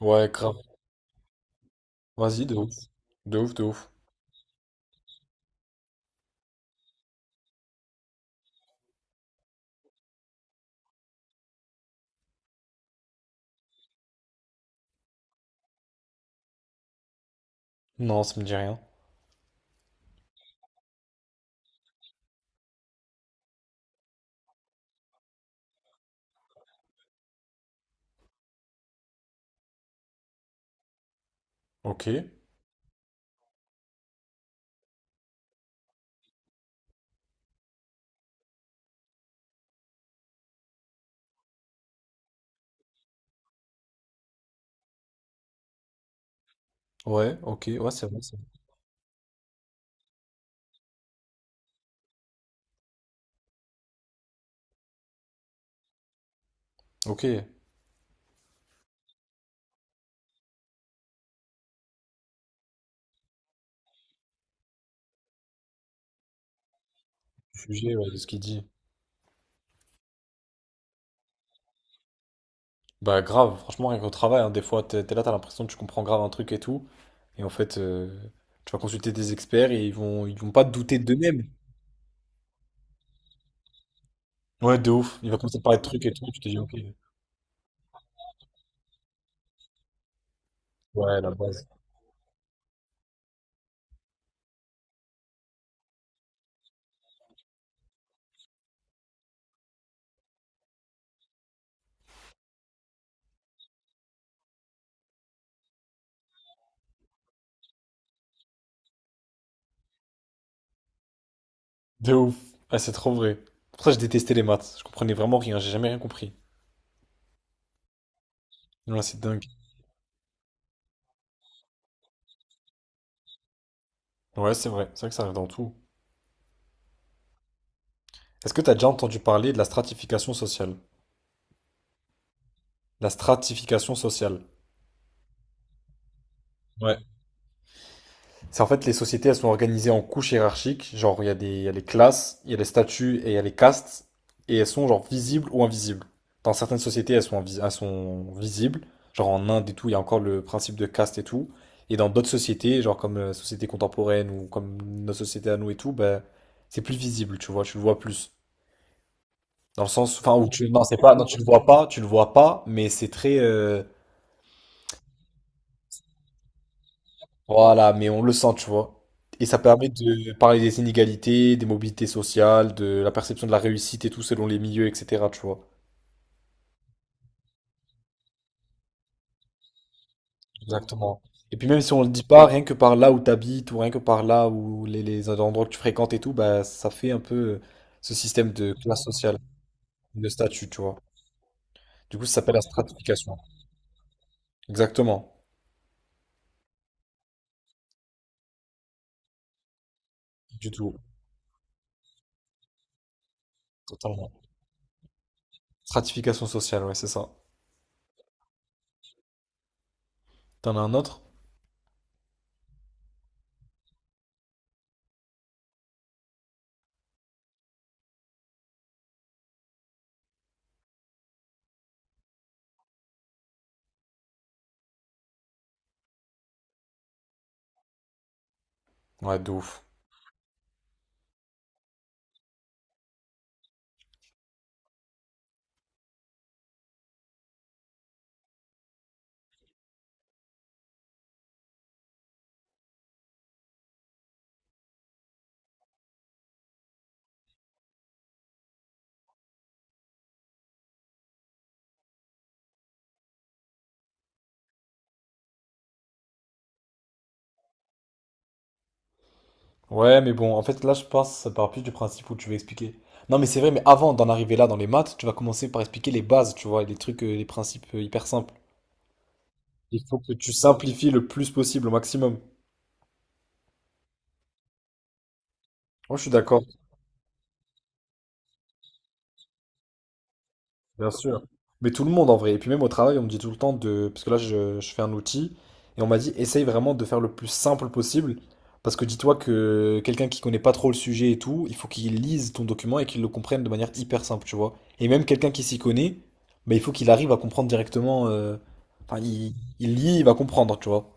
Ouais, grave. Vas-y, de ouf. De ouf, de ouf. Non, ça me dit rien. Ok. Ouais, ok. Ouais, c'est vrai, c'est vrai. Ok. Jugé, ouais, de ce qu'il dit. Bah, grave. Franchement, rien qu'au travail, hein, des fois, t'es là, t'as l'impression que tu comprends grave un truc et tout. Et en fait, tu vas consulter des experts et ils vont pas douter d'eux-mêmes. Ouais, de ouf. Il va commencer à parler de trucs et tout. Tu te dis, ok. Ouais, la base. De ouf. Ah, c'est trop vrai. Pour ça, je détestais les maths. Je comprenais vraiment rien. J'ai jamais rien compris. Non, là, c'est dingue. Ouais, c'est vrai. C'est vrai que ça arrive dans tout. Est-ce que tu as déjà entendu parler de la stratification sociale? La stratification sociale. Ouais. C'est en fait les sociétés, elles sont organisées en couches hiérarchiques. Genre, il y a les classes, il y a les statuts et il y a les castes. Et elles sont genre visibles ou invisibles. Dans certaines sociétés, elles sont visibles. Genre en Inde et tout, il y a encore le principe de caste et tout. Et dans d'autres sociétés, genre comme la société contemporaine ou comme notre société à nous et tout, ben, c'est plus visible, tu vois, tu le vois plus. Dans le sens, enfin, où tu, non, c'est pas, non, tu le vois pas, mais c'est très. Voilà, mais on le sent, tu vois. Et ça permet de parler des inégalités, des mobilités sociales, de la perception de la réussite et tout selon les milieux, etc., tu vois. Exactement. Et puis même si on le dit pas, rien que par là où t'habites, ou rien que par là où les endroits que tu fréquentes et tout, bah ça fait un peu, ce système de classe sociale, de statut, tu vois. Du coup, ça s'appelle la stratification. Exactement. Du tout. Totalement. Stratification sociale, ouais, c'est ça. T'en as un autre? Ouais, de ouf. Ouais, mais bon, en fait, là, je pense, ça part plus du principe où tu veux expliquer. Non, mais c'est vrai, mais avant d'en arriver là dans les maths, tu vas commencer par expliquer les bases, tu vois, et les trucs, les principes hyper simples. Il faut que tu simplifies le plus possible, au maximum. Moi, je suis d'accord. Bien sûr. Mais tout le monde en vrai. Et puis même au travail, on me dit tout le temps de... Parce que là, je fais un outil. Et on m'a dit, essaye vraiment de faire le plus simple possible. Parce que dis-toi que quelqu'un qui connaît pas trop le sujet et tout, il faut qu'il lise ton document et qu'il le comprenne de manière hyper simple, tu vois. Et même quelqu'un qui s'y connaît, bah, il faut qu'il arrive à comprendre directement. Enfin, il lit, il va comprendre, tu vois.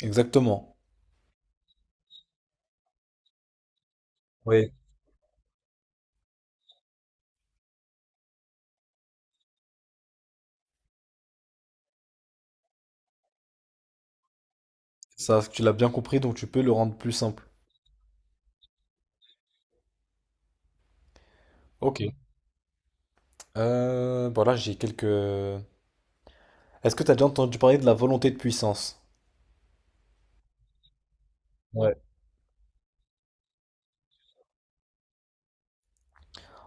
Exactement. Oui. Ça, tu l'as bien compris, donc tu peux le rendre plus simple. Ok. Voilà, j'ai quelques... Est-ce que tu as déjà entendu parler de la volonté de puissance?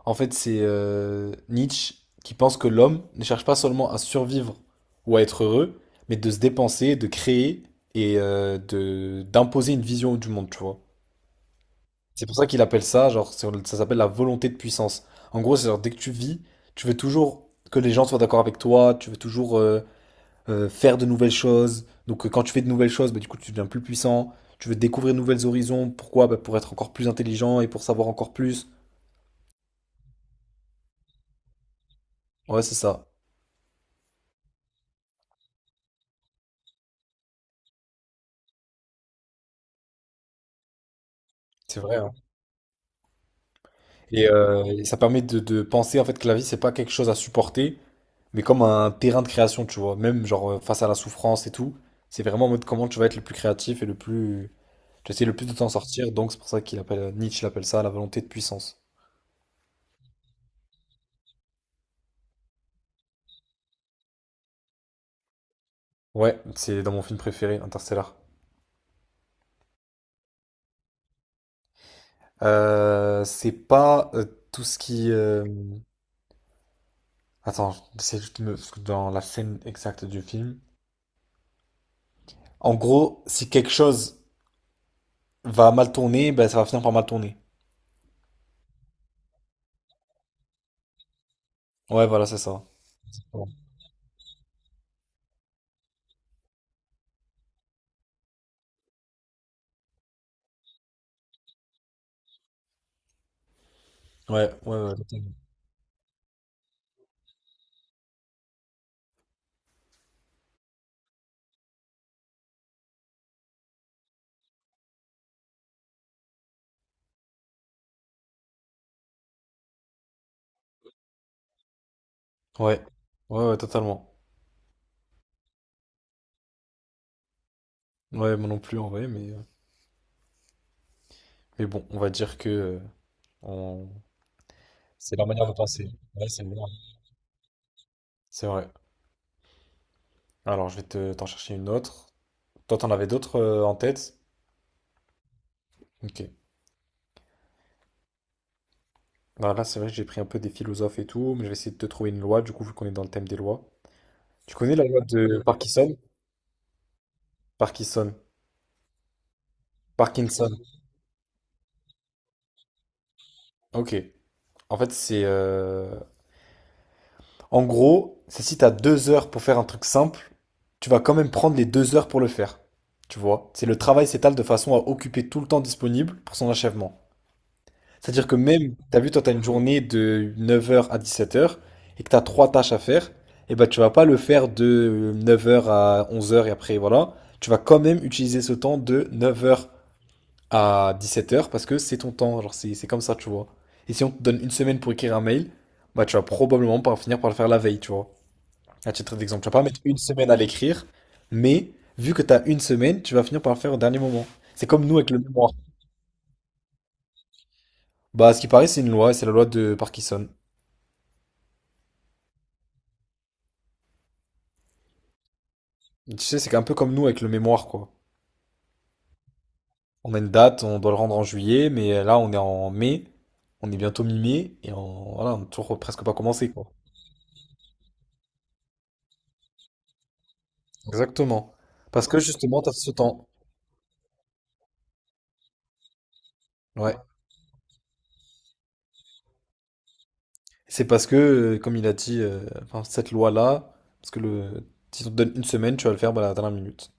En fait, c'est Nietzsche qui pense que l'homme ne cherche pas seulement à survivre ou à être heureux, mais de se dépenser, de créer et de d'imposer une vision du monde, tu vois. C'est pour ça qu'il appelle ça, genre, ça s'appelle la volonté de puissance. En gros, c'est genre, dès que tu vis, tu veux toujours que les gens soient d'accord avec toi, tu veux toujours faire de nouvelles choses. Donc, quand tu fais de nouvelles choses, bah, du coup, tu deviens plus puissant. Tu veux découvrir de nouveaux horizons. Pourquoi? Bah, pour être encore plus intelligent et pour savoir encore plus. Ouais, c'est ça. C'est vrai, hein. Et ça permet de, penser en fait que la vie, c'est pas quelque chose à supporter, mais comme un terrain de création, tu vois. Même genre face à la souffrance et tout, c'est vraiment en mode comment tu vas être le plus créatif et le plus. Tu essaies le plus de t'en sortir, donc c'est pour ça qu'il appelle Nietzsche l'appelle ça la volonté de puissance. Ouais, c'est dans mon film préféré, Interstellar. C'est pas tout ce qui. Attends, c'est parce que dans la scène exacte du film. En gros, si quelque chose va mal tourner, ben ça va finir par mal tourner. Ouais, voilà, c'est ça. Ouais, ouais, ouais, ouais, ouais, ouais, totalement. Ouais, moi non plus en vrai, mais bon, on va dire que on... c'est leur manière de penser. Ouais, c'est vrai. C'est vrai. Alors, je vais t'en chercher une autre. Toi, t'en avais d'autres en tête? Ok. Alors là, c'est vrai que j'ai pris un peu des philosophes et tout, mais je vais essayer de te trouver une loi, du coup, vu qu'on est dans le thème des lois. Tu connais la loi de Parkinson? Parkinson. Parkinson. Ok. En fait, c'est en gros, c'est si t'as 2 heures pour faire un truc simple, tu vas quand même prendre les 2 heures pour le faire. Tu vois? C'est le travail s'étale de façon à occuper tout le temps disponible pour son achèvement. C'est-à-dire que même, t'as vu, toi, t'as une journée de 9h à 17h et que t'as trois tâches à faire, et ben tu vas pas le faire de 9h à 11h et après, voilà. Tu vas quand même utiliser ce temps de 9h à dix-sept heures parce que c'est ton temps. Genre, c'est comme ça, tu vois. Et si on te donne une semaine pour écrire un mail, bah tu vas probablement pas finir par le faire la veille, tu vois. À titre d'exemple, tu vas pas mettre une semaine à l'écrire, mais vu que tu as une semaine, tu vas finir par le faire au dernier moment. C'est comme nous avec le mémoire. Bah, à ce qui paraît, c'est une loi, et c'est la loi de Parkinson. Tu sais, c'est un peu comme nous avec le mémoire, quoi. On a une date, on doit le rendre en juillet, mais là, on est en mai, on est bientôt mi-mai, et on, voilà, on n'a toujours presque pas commencé, quoi. Exactement. Parce que justement, tu as ce temps. Ouais. C'est parce que, comme il a dit, enfin, cette loi-là, parce que si on te donne une semaine, tu vas le faire bah, à la dernière minute.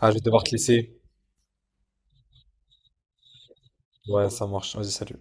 Ah, je vais devoir te laisser. Ouais, ça marche. Vas-y, salut.